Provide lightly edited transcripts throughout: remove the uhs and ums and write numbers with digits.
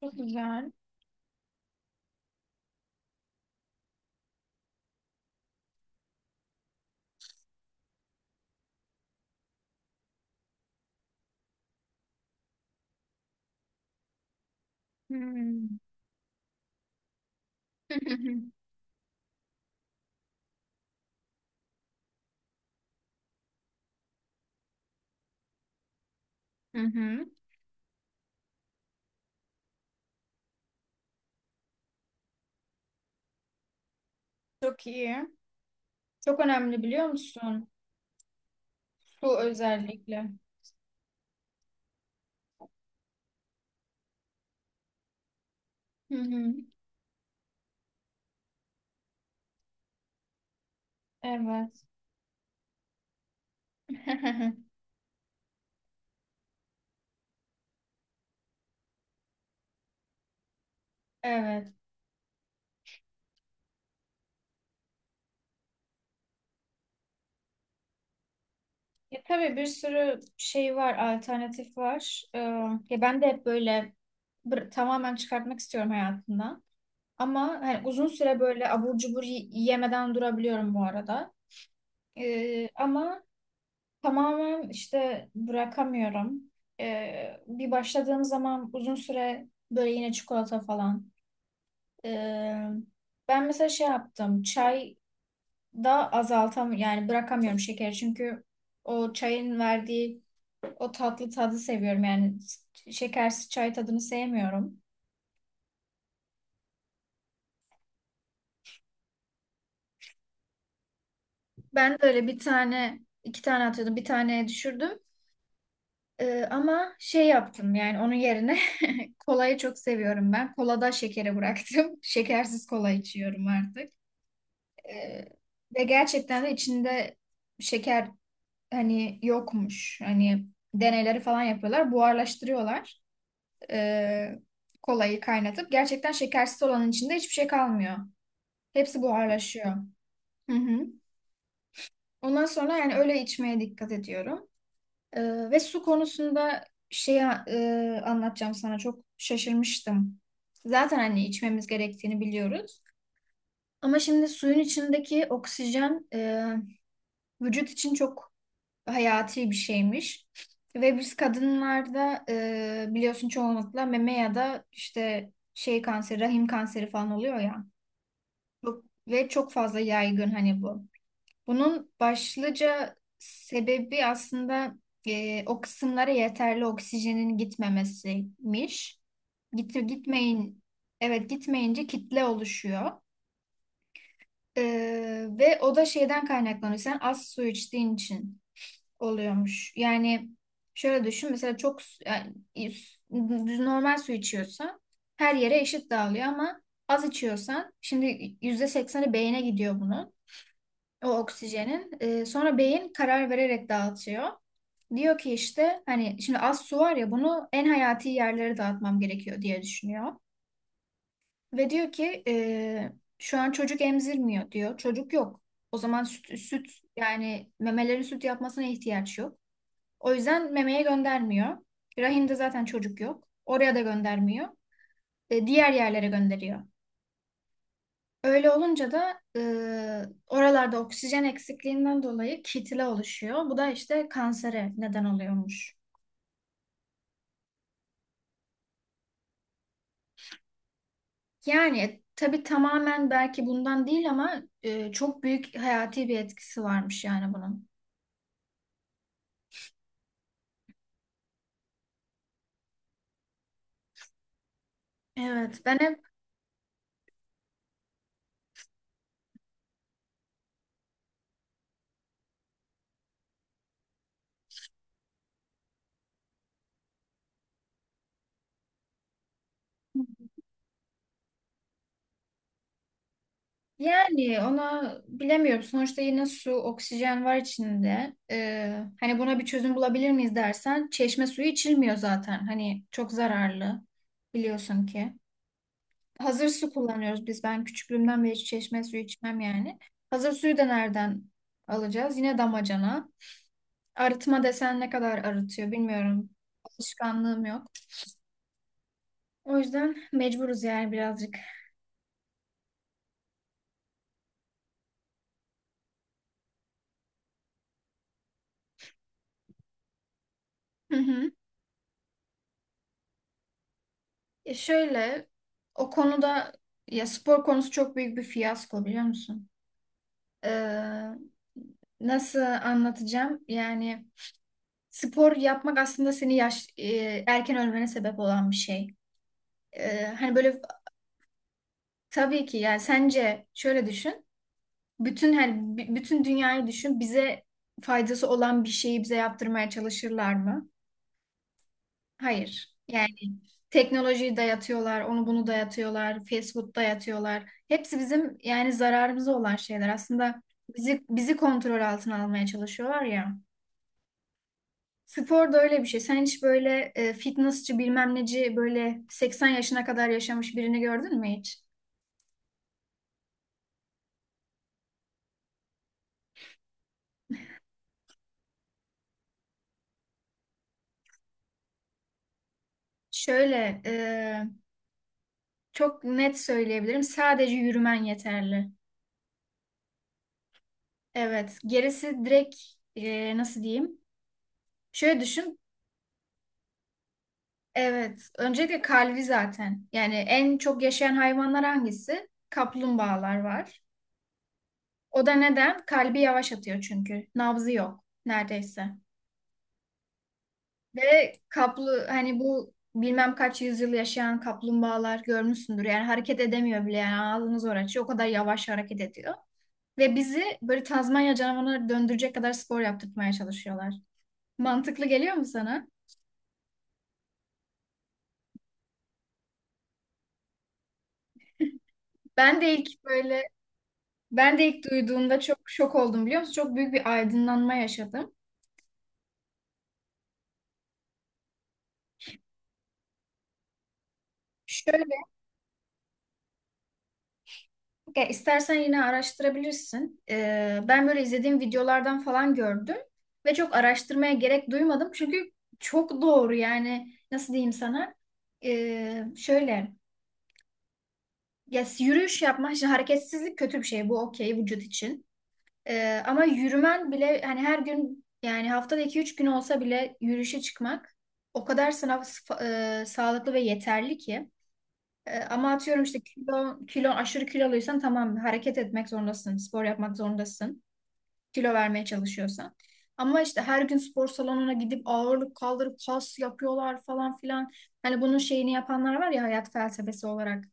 Çok güzel. Hmm. Hı hı. hı. Hı hı. Çok iyi. Çok önemli biliyor musun? Su özellikle. Hı hı. Evet. Evet. Ya tabii bir sürü şey var, alternatif var. Ya ben de hep böyle tamamen çıkartmak istiyorum hayatımdan. Ama hani uzun süre böyle abur cubur yemeden durabiliyorum bu arada. Ama tamamen işte bırakamıyorum. Bir başladığım zaman uzun süre böyle yine çikolata falan. Ee, Ben mesela şey yaptım. Çay da azaltam yani bırakamıyorum şekeri çünkü o çayın verdiği o tatlı tadı seviyorum. Yani şekersiz çay tadını sevmiyorum. Ben de öyle bir tane iki tane atıyordum. Bir taneye düşürdüm. Ama şey yaptım yani onun yerine kolayı çok seviyorum ben. Kolada şekeri bıraktım. Şekersiz kola içiyorum artık. Ee, ve gerçekten de içinde şeker hani yokmuş. Hani deneyleri falan yapıyorlar. Buharlaştırıyorlar. Ee, kolayı kaynatıp. Gerçekten şekersiz olanın içinde hiçbir şey kalmıyor. Hepsi buharlaşıyor. Hı hı. Ondan sonra yani öyle içmeye dikkat ediyorum. Ve su konusunda şeyi anlatacağım sana çok şaşırmıştım. Zaten hani içmemiz gerektiğini biliyoruz. Ama şimdi suyun içindeki oksijen vücut için çok hayati bir şeymiş. Ve biz kadınlarda biliyorsun çoğunlukla meme ya da işte şey kanseri, rahim kanseri falan oluyor ya. Ve çok fazla yaygın hani bu. Bunun başlıca sebebi aslında o kısımlara yeterli oksijenin gitmemesiymiş. Git, gitmeyin, evet gitmeyince kitle oluşuyor. E, ve o da şeyden kaynaklanıyor. Sen az su içtiğin için oluyormuş. Yani şöyle düşün mesela yani, düz normal su içiyorsan her yere eşit dağılıyor ama az içiyorsan şimdi %80'i beyne gidiyor bunun o oksijenin. Sonra beyin karar vererek dağıtıyor. Diyor ki işte hani şimdi az su var ya bunu en hayati yerlere dağıtmam gerekiyor diye düşünüyor. Ve diyor ki şu an çocuk emzirmiyor diyor. Çocuk yok. O zaman süt yani memelerin süt yapmasına ihtiyaç yok. O yüzden memeye göndermiyor. Rahimde zaten çocuk yok. Oraya da göndermiyor. Diğer yerlere gönderiyor. Öyle olunca da oralarda oksijen eksikliğinden dolayı kitle oluşuyor. Bu da işte kansere neden oluyormuş. Yani tabii tamamen belki bundan değil ama çok büyük hayati bir etkisi varmış yani bunun. Evet, ben hep yani ona bilemiyorum. Sonuçta yine su, oksijen var içinde. Hani buna bir çözüm bulabilir miyiz dersen, çeşme suyu içilmiyor zaten. Hani çok zararlı biliyorsun ki. Hazır su kullanıyoruz biz. Ben küçüklüğümden beri hiç çeşme suyu içmem yani. Hazır suyu da nereden alacağız? Yine damacana. Arıtma desen ne kadar arıtıyor bilmiyorum. Alışkanlığım yok. O yüzden mecburuz yani birazcık. Hı hı. E şöyle o konuda ya spor konusu çok büyük bir fiyasko biliyor musun? Ee, nasıl anlatacağım? Yani spor yapmak aslında seni erken ölmene sebep olan bir şey. Hani böyle Tabii ki yani sence şöyle düşün. Bütün bütün dünyayı düşün. Bize faydası olan bir şeyi bize yaptırmaya çalışırlar mı? Hayır. Yani teknolojiyi dayatıyorlar, onu bunu dayatıyorlar, fast food dayatıyorlar. Hepsi bizim yani zararımıza olan şeyler. Aslında bizi kontrol altına almaya çalışıyorlar ya. Spor da öyle bir şey. Sen hiç böyle fitnessçi bilmem neci böyle 80 yaşına kadar yaşamış birini gördün mü hiç? Şöyle e, Çok net söyleyebilirim. Sadece yürümen yeterli. Evet. Gerisi direkt nasıl diyeyim? Şöyle düşün. Evet. Öncelikle kalbi zaten. Yani en çok yaşayan hayvanlar hangisi? Kaplumbağalar var. O da neden? Kalbi yavaş atıyor çünkü. Nabzı yok neredeyse. Ve kaplı hani bu bilmem kaç yüzyıl yaşayan kaplumbağalar görmüşsündür. Yani hareket edemiyor bile. Yani ağzını zor açıyor. O kadar yavaş hareket ediyor. Ve bizi böyle Tazmanya canavarına döndürecek kadar spor yaptırmaya çalışıyorlar. Mantıklı geliyor mu sana? Ben de ilk böyle ben de ilk duyduğumda çok şok oldum biliyor musun? Çok büyük bir aydınlanma yaşadım. Şöyle ya istersen yine araştırabilirsin. Ben böyle izlediğim videolardan falan gördüm ve çok araştırmaya gerek duymadım. Çünkü çok doğru yani nasıl diyeyim sana? Şöyle ya yürüyüş yapmak, şimdi hareketsizlik kötü bir şey. Bu okey vücut için. Ama yürümen bile hani her gün yani haftada 2 üç gün olsa bile yürüyüşe çıkmak o kadar sağlıklı ve yeterli ki. Ama atıyorum işte kilo aşırı kiloluysan tamam hareket etmek zorundasın, spor yapmak zorundasın. Kilo vermeye çalışıyorsan. Ama işte her gün spor salonuna gidip ağırlık kaldırıp kas yapıyorlar falan filan. Hani bunun şeyini yapanlar var ya hayat felsefesi olarak.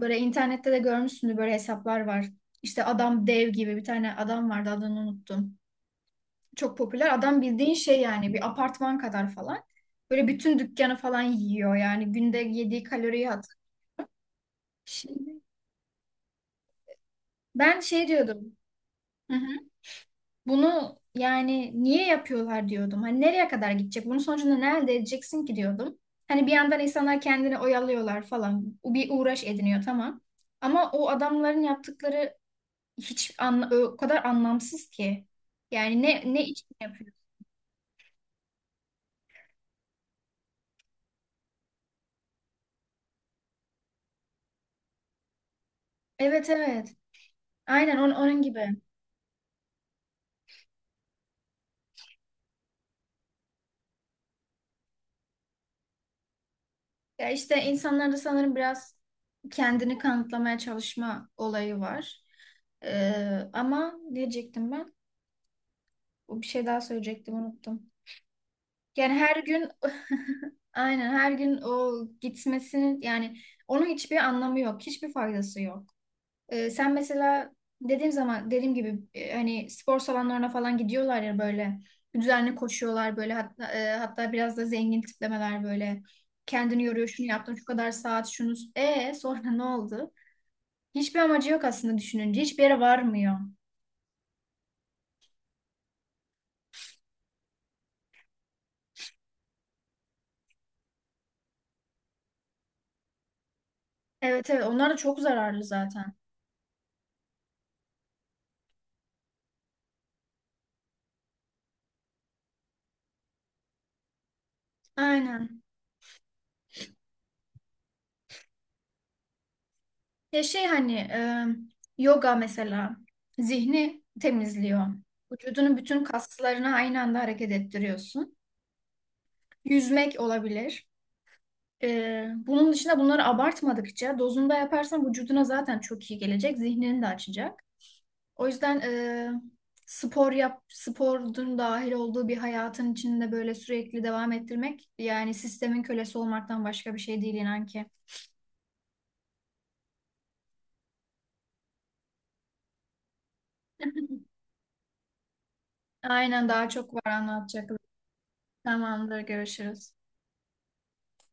Böyle internette de görmüşsündür böyle hesaplar var. İşte adam dev gibi bir tane adam vardı adını unuttum çok popüler. Adam bildiğin şey yani bir apartman kadar falan. Böyle bütün dükkanı falan yiyor yani günde yediği kaloriyi hat. Şimdi ben şey diyordum. Hı hı. Bunu yani niye yapıyorlar diyordum. Hani nereye kadar gidecek? Bunun sonucunda ne elde edeceksin ki diyordum. Hani bir yandan insanlar kendini oyalıyorlar falan. Bir uğraş ediniyor tamam. Ama o adamların yaptıkları o kadar anlamsız ki. Yani ne için yapıyor? Evet, evet. Aynen onun gibi. Ya işte insanlarda sanırım biraz kendini kanıtlamaya çalışma olayı var. Ama ne diyecektim ben? Bir şey daha söyleyecektim unuttum. Yani her gün aynen her gün o gitmesinin yani onun hiçbir anlamı yok. Hiçbir faydası yok. Sen mesela dediğim zaman dediğim gibi hani spor salonlarına falan gidiyorlar ya böyle düzenli koşuyorlar böyle hatta, hatta biraz da zengin tiplemeler böyle kendini yoruyor şunu yaptın şu kadar saat şunu e sonra ne oldu? Hiçbir amacı yok aslında düşününce hiçbir yere varmıyor. Evet, evet onlar da çok zararlı zaten. Aynen. Ya şey hani yoga mesela zihni temizliyor. Vücudunun bütün kaslarını aynı anda hareket ettiriyorsun. Yüzmek olabilir. Bunun dışında bunları abartmadıkça dozunda yaparsan vücuduna zaten çok iyi gelecek, zihnini de açacak. O yüzden spor yap, sporun dahil olduğu bir hayatın içinde böyle sürekli devam ettirmek yani sistemin kölesi olmaktan başka bir şey değil inan ki. Aynen daha çok var anlatacaklar. Tamamdır, görüşürüz.